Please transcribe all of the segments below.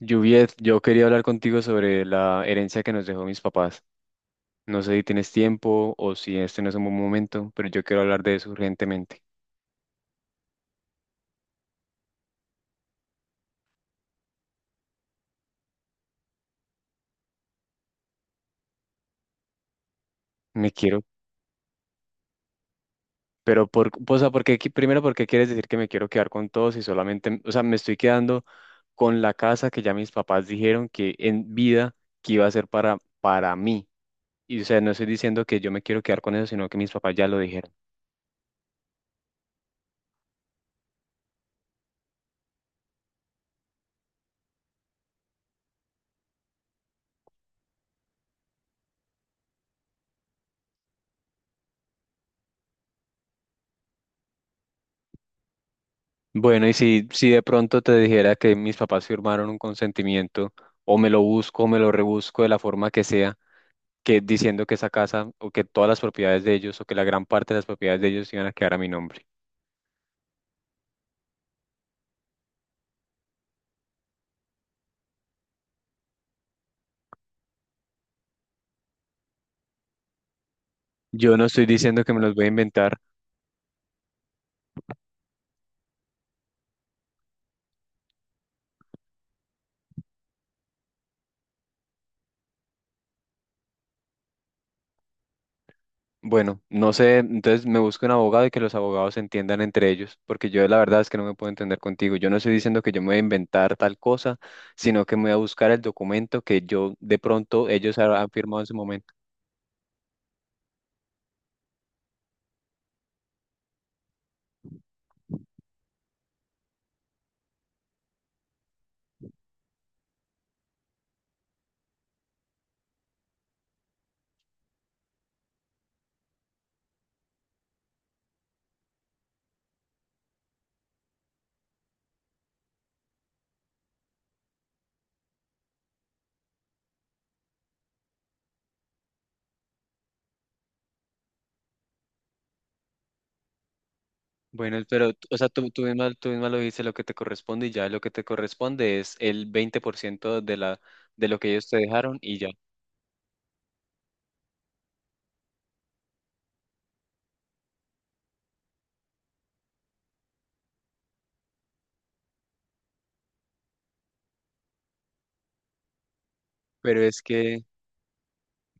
Juviet, yo quería hablar contigo sobre la herencia que nos dejó mis papás. No sé si tienes tiempo o si este no es un buen momento, pero yo quiero hablar de eso urgentemente. Me quiero, pero porque primero, ¿por qué quieres decir que me quiero quedar con todos y solamente, me estoy quedando con la casa que ya mis papás dijeron que en vida que iba a ser para mí? No estoy diciendo que yo me quiero quedar con eso, sino que mis papás ya lo dijeron. Bueno, y si de pronto te dijera que mis papás firmaron un consentimiento, o me lo busco, o me lo rebusco de la forma que sea, que diciendo que esa casa, o que todas las propiedades de ellos, o que la gran parte de las propiedades de ellos iban a quedar a mi nombre. Yo no estoy diciendo que me los voy a inventar. Bueno, no sé, entonces me busco un abogado y que los abogados se entiendan entre ellos, porque yo la verdad es que no me puedo entender contigo. Yo no estoy diciendo que yo me voy a inventar tal cosa, sino que me voy a buscar el documento que yo de pronto ellos han firmado en su momento. Bueno, pero, tú misma lo dices, lo que te corresponde y ya lo que te corresponde es el 20% de la, de lo que ellos te dejaron y ya. Pero es que,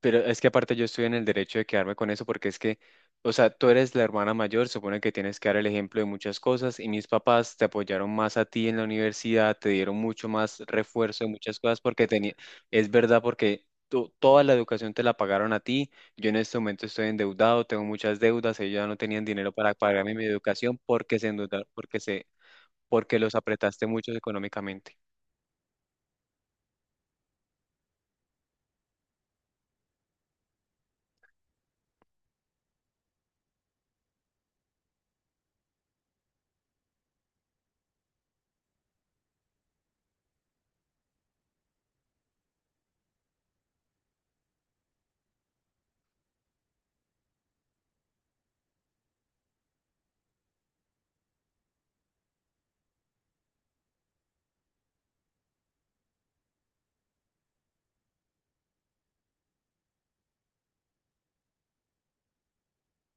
pero es que aparte yo estoy en el derecho de quedarme con eso porque es que, o sea, tú eres la hermana mayor, supone que tienes que dar el ejemplo de muchas cosas y mis papás te apoyaron más a ti en la universidad, te dieron mucho más refuerzo de muchas cosas porque tenía, es verdad porque toda la educación te la pagaron a ti, yo en este momento estoy endeudado, tengo muchas deudas, ellos ya no tenían dinero para pagarme mi educación porque se endeudaron, porque se, porque los apretaste mucho económicamente.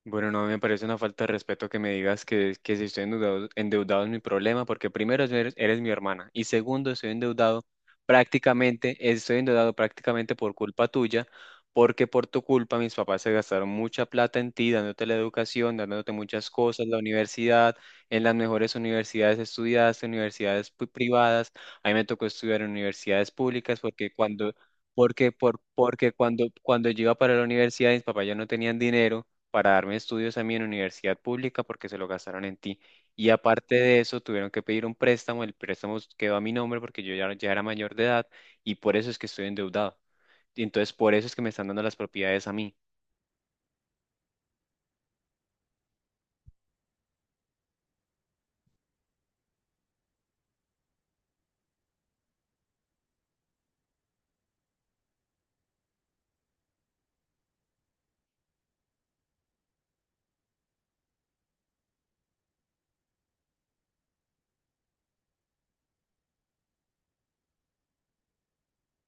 Bueno, no me parece una falta de respeto que me digas que si estoy endeudado, endeudado es mi problema, porque primero eres mi hermana y segundo estoy endeudado prácticamente por culpa tuya, porque por tu culpa mis papás se gastaron mucha plata en ti, dándote la educación, dándote muchas cosas, la universidad, en las mejores universidades estudiaste, universidades privadas, a mí me tocó estudiar en universidades públicas porque cuando... porque cuando yo iba para la universidad, mis papás ya no tenían dinero para darme estudios a mí en universidad pública porque se lo gastaron en ti. Y aparte de eso, tuvieron que pedir un préstamo, el préstamo quedó a mi nombre porque ya era mayor de edad y por eso es que estoy endeudado. Y entonces por eso es que me están dando las propiedades a mí.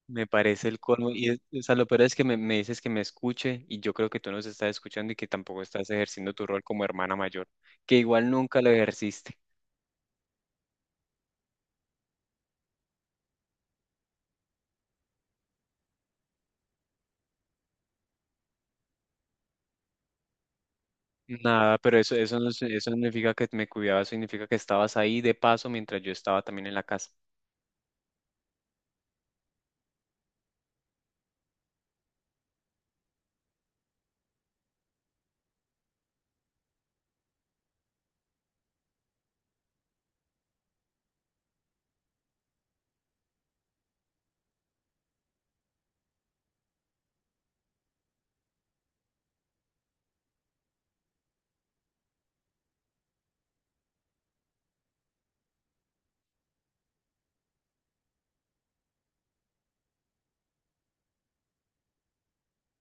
Me parece el colmo y lo peor es que me dices que me escuche y yo creo que tú nos estás escuchando y que tampoco estás ejerciendo tu rol como hermana mayor, que igual nunca lo ejerciste. Nada, pero eso no significa que me cuidabas, significa que estabas ahí de paso mientras yo estaba también en la casa.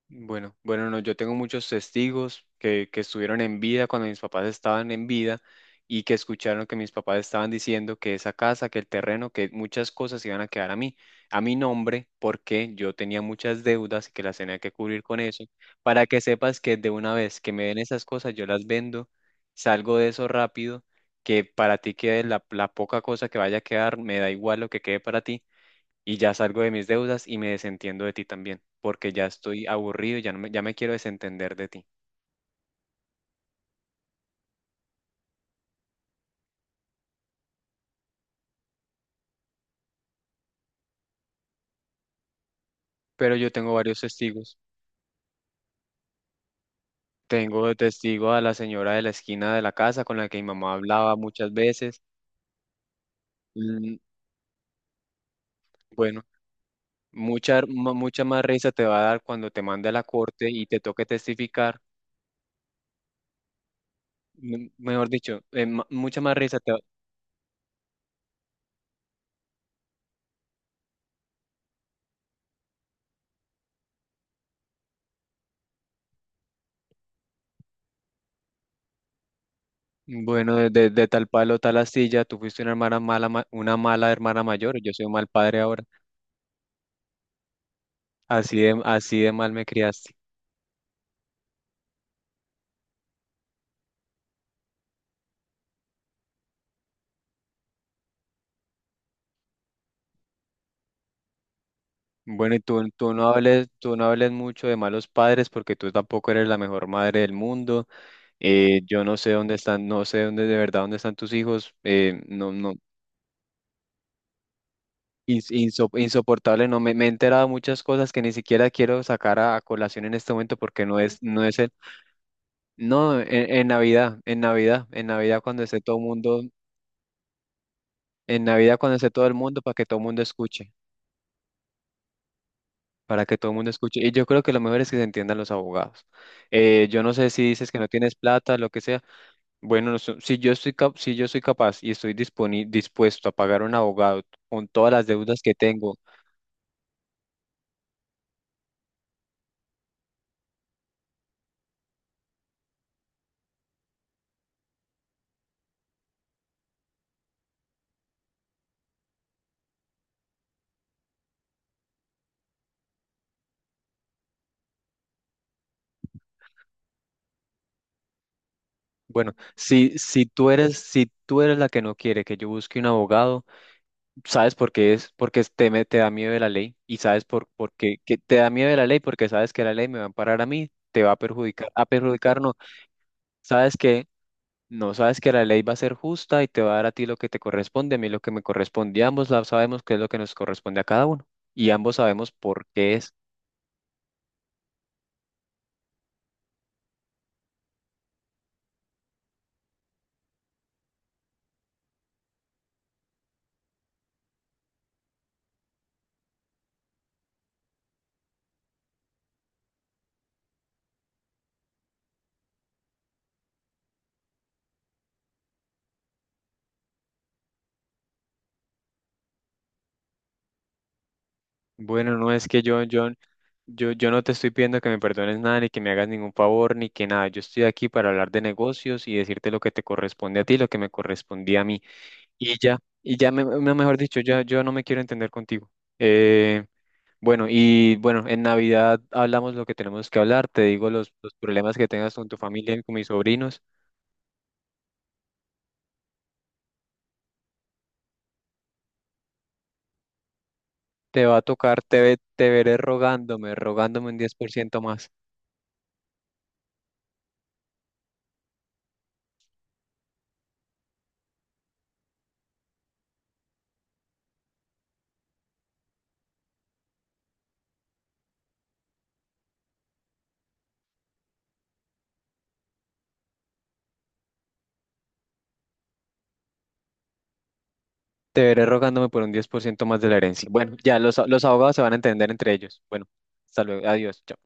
Bueno, no, yo tengo muchos testigos que estuvieron en vida cuando mis papás estaban en vida y que escucharon que mis papás estaban diciendo que esa casa, que el terreno, que muchas cosas iban a quedar a mí, a mi nombre, porque yo tenía muchas deudas y que las tenía que cubrir con eso. Para que sepas que de una vez que me den esas cosas, yo las vendo, salgo de eso rápido, que para ti quede la poca cosa que vaya a quedar, me da igual lo que quede para ti y ya salgo de mis deudas y me desentiendo de ti también, porque ya estoy aburrido, y ya no me, ya me quiero desentender de ti. Pero yo tengo varios testigos. Tengo de testigo a la señora de la esquina de la casa con la que mi mamá hablaba muchas veces. Mm, bueno, mucha más risa te va a dar cuando te mande a la corte y te toque testificar. Mejor dicho, mucha más risa te va-. Bueno, de tal palo, tal astilla, tú fuiste una hermana mala, una mala hermana mayor, yo soy un mal padre ahora. Así de mal me criaste. Bueno, y tú, tú no hables mucho de malos padres porque tú tampoco eres la mejor madre del mundo. Yo no sé dónde están, no sé dónde de verdad dónde están tus hijos. Insoportable. No me, Me he enterado de muchas cosas que ni siquiera quiero sacar a colación en este momento porque no es el, no, en Navidad, en Navidad, en Navidad cuando esté todo el mundo, en Navidad cuando esté todo el mundo para que todo el mundo escuche, para que todo el mundo escuche. Y yo creo que lo mejor es que se entiendan los abogados. Yo no sé si dices que no tienes plata, lo que sea. Bueno, no sé, si yo si yo soy capaz y dispuesto a pagar un abogado con todas las deudas que tengo, bueno, si tú eres, si tú eres la que no quiere que yo busque un abogado, sabes por qué es, porque te da miedo de la ley y sabes por qué que te da miedo de la ley, porque sabes que la ley me va a amparar a mí, te va a perjudicar no, sabes que no, sabes que la ley va a ser justa y te va a dar a ti lo que te corresponde, a mí lo que me corresponde, y ambos sabemos qué es lo que nos corresponde a cada uno y ambos sabemos por qué es. Bueno, no es que yo no te estoy pidiendo que me perdones nada, ni que me hagas ningún favor, ni que nada. Yo estoy aquí para hablar de negocios y decirte lo que te corresponde a ti, lo que me correspondía a mí. Mejor dicho, ya, yo no me quiero entender contigo. Eh, bueno, en Navidad hablamos lo que tenemos que hablar, te digo los problemas que tengas con tu familia y con mis sobrinos. Te va a tocar, te, ve- Te veré rogándome un 10% más. Te veré rogándome por un 10% más de la herencia. Bueno, ya los abogados se van a entender entre ellos. Bueno, hasta luego. Adiós. Chao.